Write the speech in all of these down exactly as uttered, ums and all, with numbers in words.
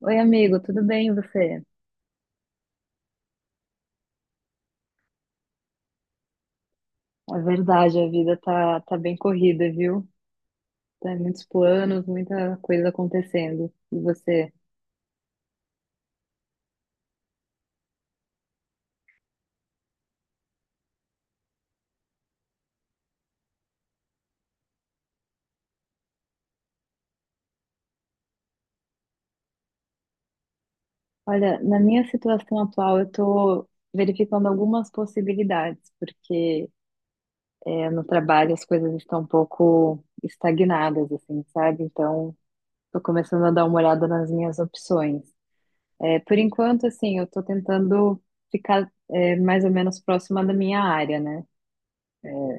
Oi, amigo, tudo bem e você? É verdade, a vida tá, tá bem corrida, viu? Tem muitos planos, muita coisa acontecendo. E você? Olha, na minha situação atual, eu tô verificando algumas possibilidades, porque é, no trabalho as coisas estão um pouco estagnadas, assim, sabe? Então, tô começando a dar uma olhada nas minhas opções. É, por enquanto, assim, eu tô tentando ficar é, mais ou menos próxima da minha área, né?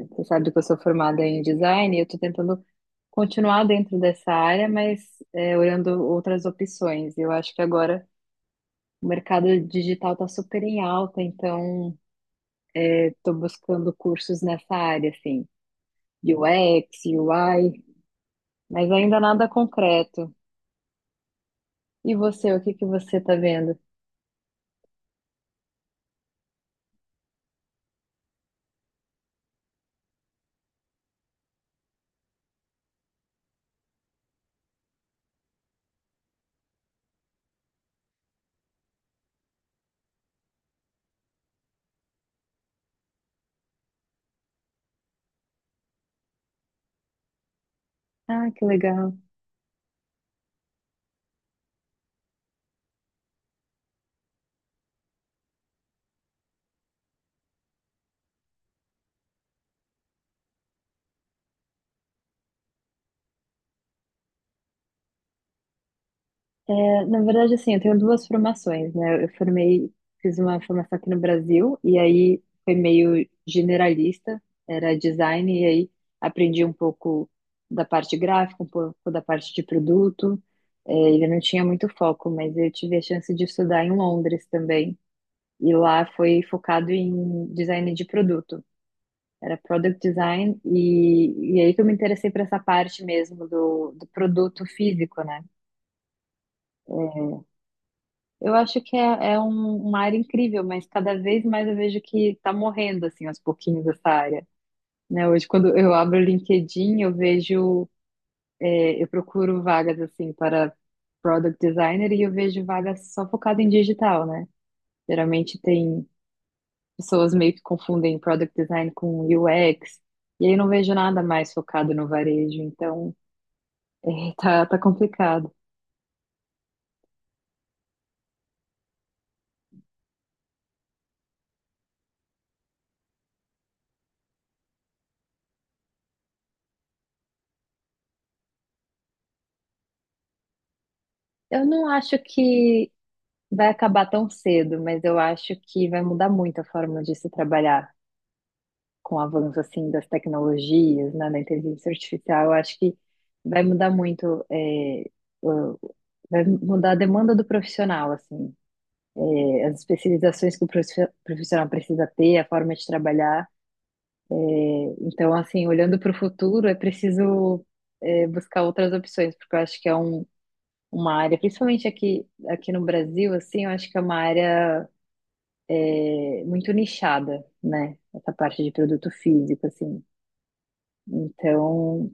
Você sabe que eu sou formada em design e eu estou tentando continuar dentro dessa área, mas é, olhando outras opções. Eu acho que agora o mercado digital está super em alta, então eu estou buscando cursos nessa área, assim, U X, U I, mas ainda nada concreto. E você, o que que você está vendo? Ah, que legal. Na verdade, assim, eu tenho duas formações, né? Eu formei, fiz uma formação aqui no Brasil e aí foi meio generalista, era design, e aí aprendi um pouco da parte gráfica, um pouco da parte de produto. É, ele não tinha muito foco, mas eu tive a chance de estudar em Londres também. E lá foi focado em design de produto. Era product design, e, e aí que eu me interessei por essa parte mesmo do, do produto físico, né? Eu acho que é, é um- uma área incrível, mas cada vez mais eu vejo que está morrendo, assim, aos pouquinhos, essa área. Né? Hoje, quando eu abro o LinkedIn, eu vejo, é, eu procuro vagas, assim, para product designer e eu vejo vagas só focadas em digital, né? Geralmente tem pessoas meio que confundem product design com U X, e aí eu não vejo nada mais focado no varejo, então, é, tá, tá complicado. Eu não acho que vai acabar tão cedo, mas eu acho que vai mudar muito a forma de se trabalhar com o avanço assim das tecnologias, né, da inteligência artificial. Eu acho que vai mudar muito, é, o- vai mudar a demanda do profissional, assim, é, as especializações que o profi- profissional precisa ter, a forma de trabalhar. Então, assim, olhando para o futuro, é preciso é, buscar outras opções, porque eu acho que é um, uma área, principalmente aqui, aqui no Brasil, assim, eu acho que é uma área é muito nichada, né? Essa parte de produto físico, assim. Então,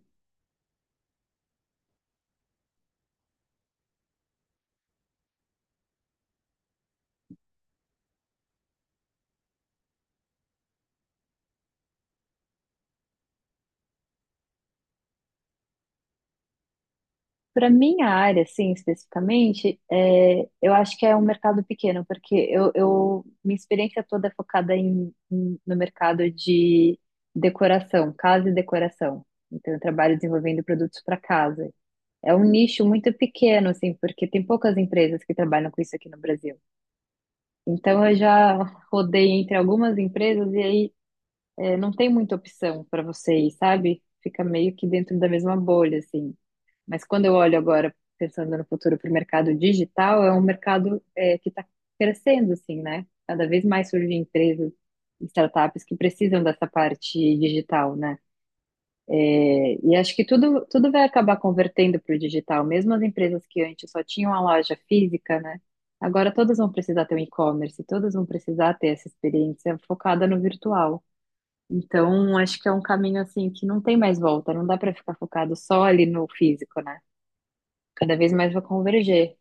para minha área, assim, especificamente, é, eu acho que é um mercado pequeno, porque eu, eu- minha experiência toda é focada em, em- no mercado de decoração, casa e decoração. Então, eu trabalho desenvolvendo produtos para casa. É um nicho muito pequeno, assim, porque tem poucas empresas que trabalham com isso aqui no Brasil. Então, eu já rodei entre algumas empresas e aí é, não tem muita opção para você ir, sabe? Fica meio que dentro da mesma bolha, assim. Mas quando eu olho agora, pensando no futuro para o mercado digital, é um mercado é, que está crescendo, assim, né? Cada vez mais surgem empresas, startups que precisam dessa parte digital, né? É, e acho que tudo, tudo vai acabar convertendo para o digital, mesmo as empresas que antes só tinham a loja física, né? Agora todas vão precisar ter um e-commerce, todas vão precisar ter essa experiência focada no virtual. Então, acho que é um caminho assim que não tem mais volta, não dá para ficar focado só ali no físico, né? Cada vez mais vai converger,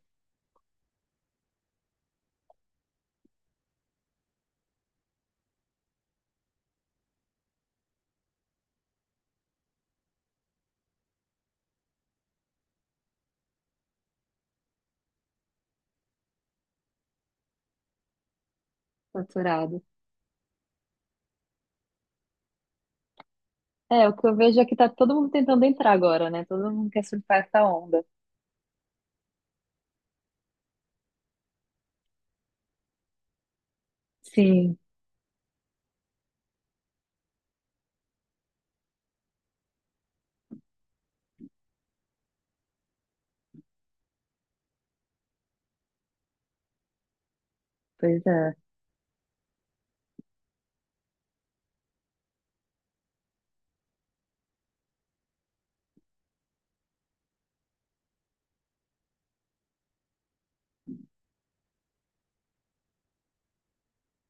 saturado. É, o que eu vejo é que tá todo mundo tentando entrar agora, né? Todo mundo quer surfar essa onda. Sim, pois é.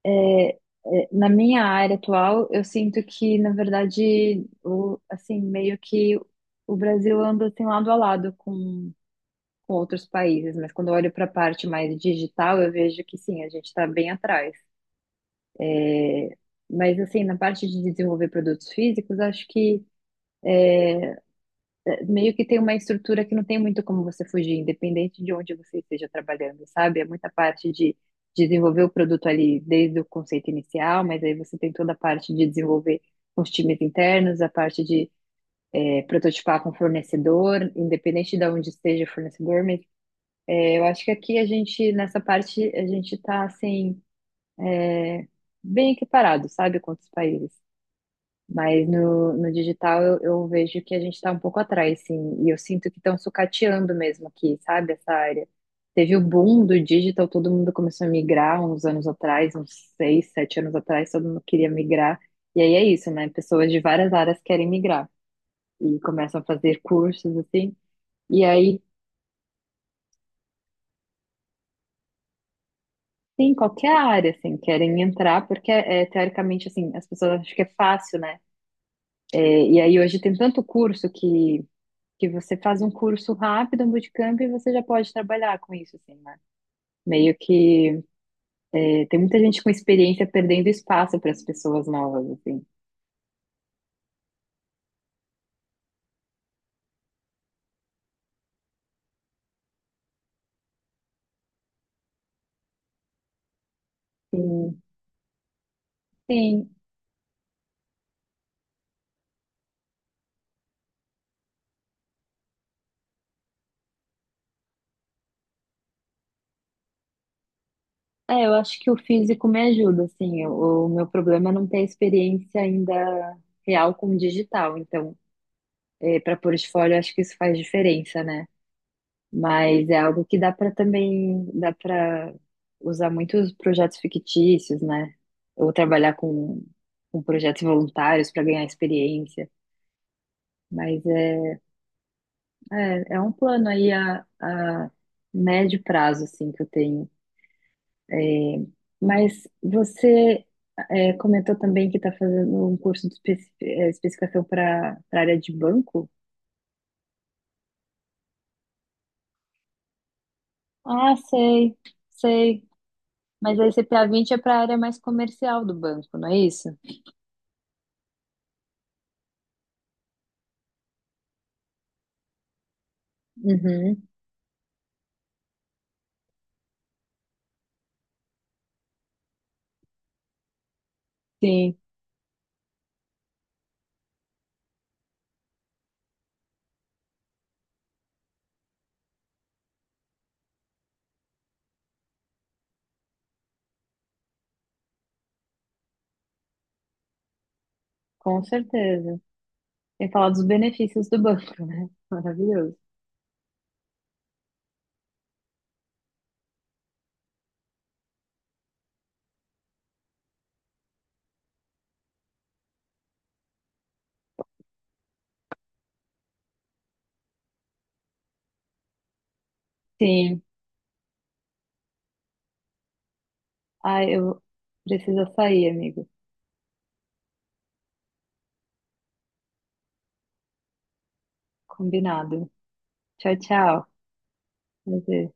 É, é, na minha área atual, eu sinto que, na verdade, o, assim, meio que o Brasil anda assim lado a lado com, com outros países, mas quando eu olho para a parte mais digital, eu vejo que sim, a gente está bem atrás. É, mas assim, na parte de desenvolver produtos físicos, acho que é, meio que tem uma estrutura que não tem muito como você fugir, independente de onde você esteja trabalhando, sabe? É muita parte de desenvolver o produto ali desde o conceito inicial, mas aí você tem toda a parte de desenvolver com os times internos, a parte de é, prototipar com fornecedor, independente de onde esteja o fornecedor. Mas, é, eu acho que aqui a gente, nessa parte, a gente está assim, bem equiparado, sabe, com outros países. Mas no, no digital eu, eu vejo que a gente está um pouco atrás, sim. E eu sinto que estão sucateando mesmo aqui, sabe, essa área. Teve o boom do digital, todo mundo começou a migrar uns anos atrás, uns seis, sete anos atrás, todo mundo queria migrar. E aí é isso, né? Pessoas de várias áreas querem migrar e começam a fazer cursos, assim. E aí, sim, qualquer área, assim, querem entrar, porque, é, é, teoricamente, assim, as pessoas acham que é fácil, né? É, e aí hoje tem tanto curso que que você faz um curso rápido, um bootcamp, e você já pode trabalhar com isso, assim, né? Meio que eh, tem muita gente com experiência perdendo espaço para as pessoas novas, assim. Sim, sim. É, eu acho que o físico me ajuda, assim. O, o meu problema é não ter experiência ainda real com o digital. Então, para portfólio, eu acho que isso faz diferença, né? Mas é algo que dá para também, dá para usar muitos projetos fictícios, né? Ou trabalhar com, com projetos voluntários para ganhar experiência. Mas é, é, é um plano aí a, a médio prazo, assim, que eu tenho. Mas você é, comentou também que está fazendo um curso de espe- é, especificação para a área de banco? Ah, sei, sei. Mas aí C P A vinte é para a área mais comercial do banco, não é isso? Uhum. Sim. Com certeza. Tem que falar dos benefícios do banco, né? Maravilhoso. Sim. Ah, eu preciso sair, amigo. Combinado. Tchau, tchau. Prazer.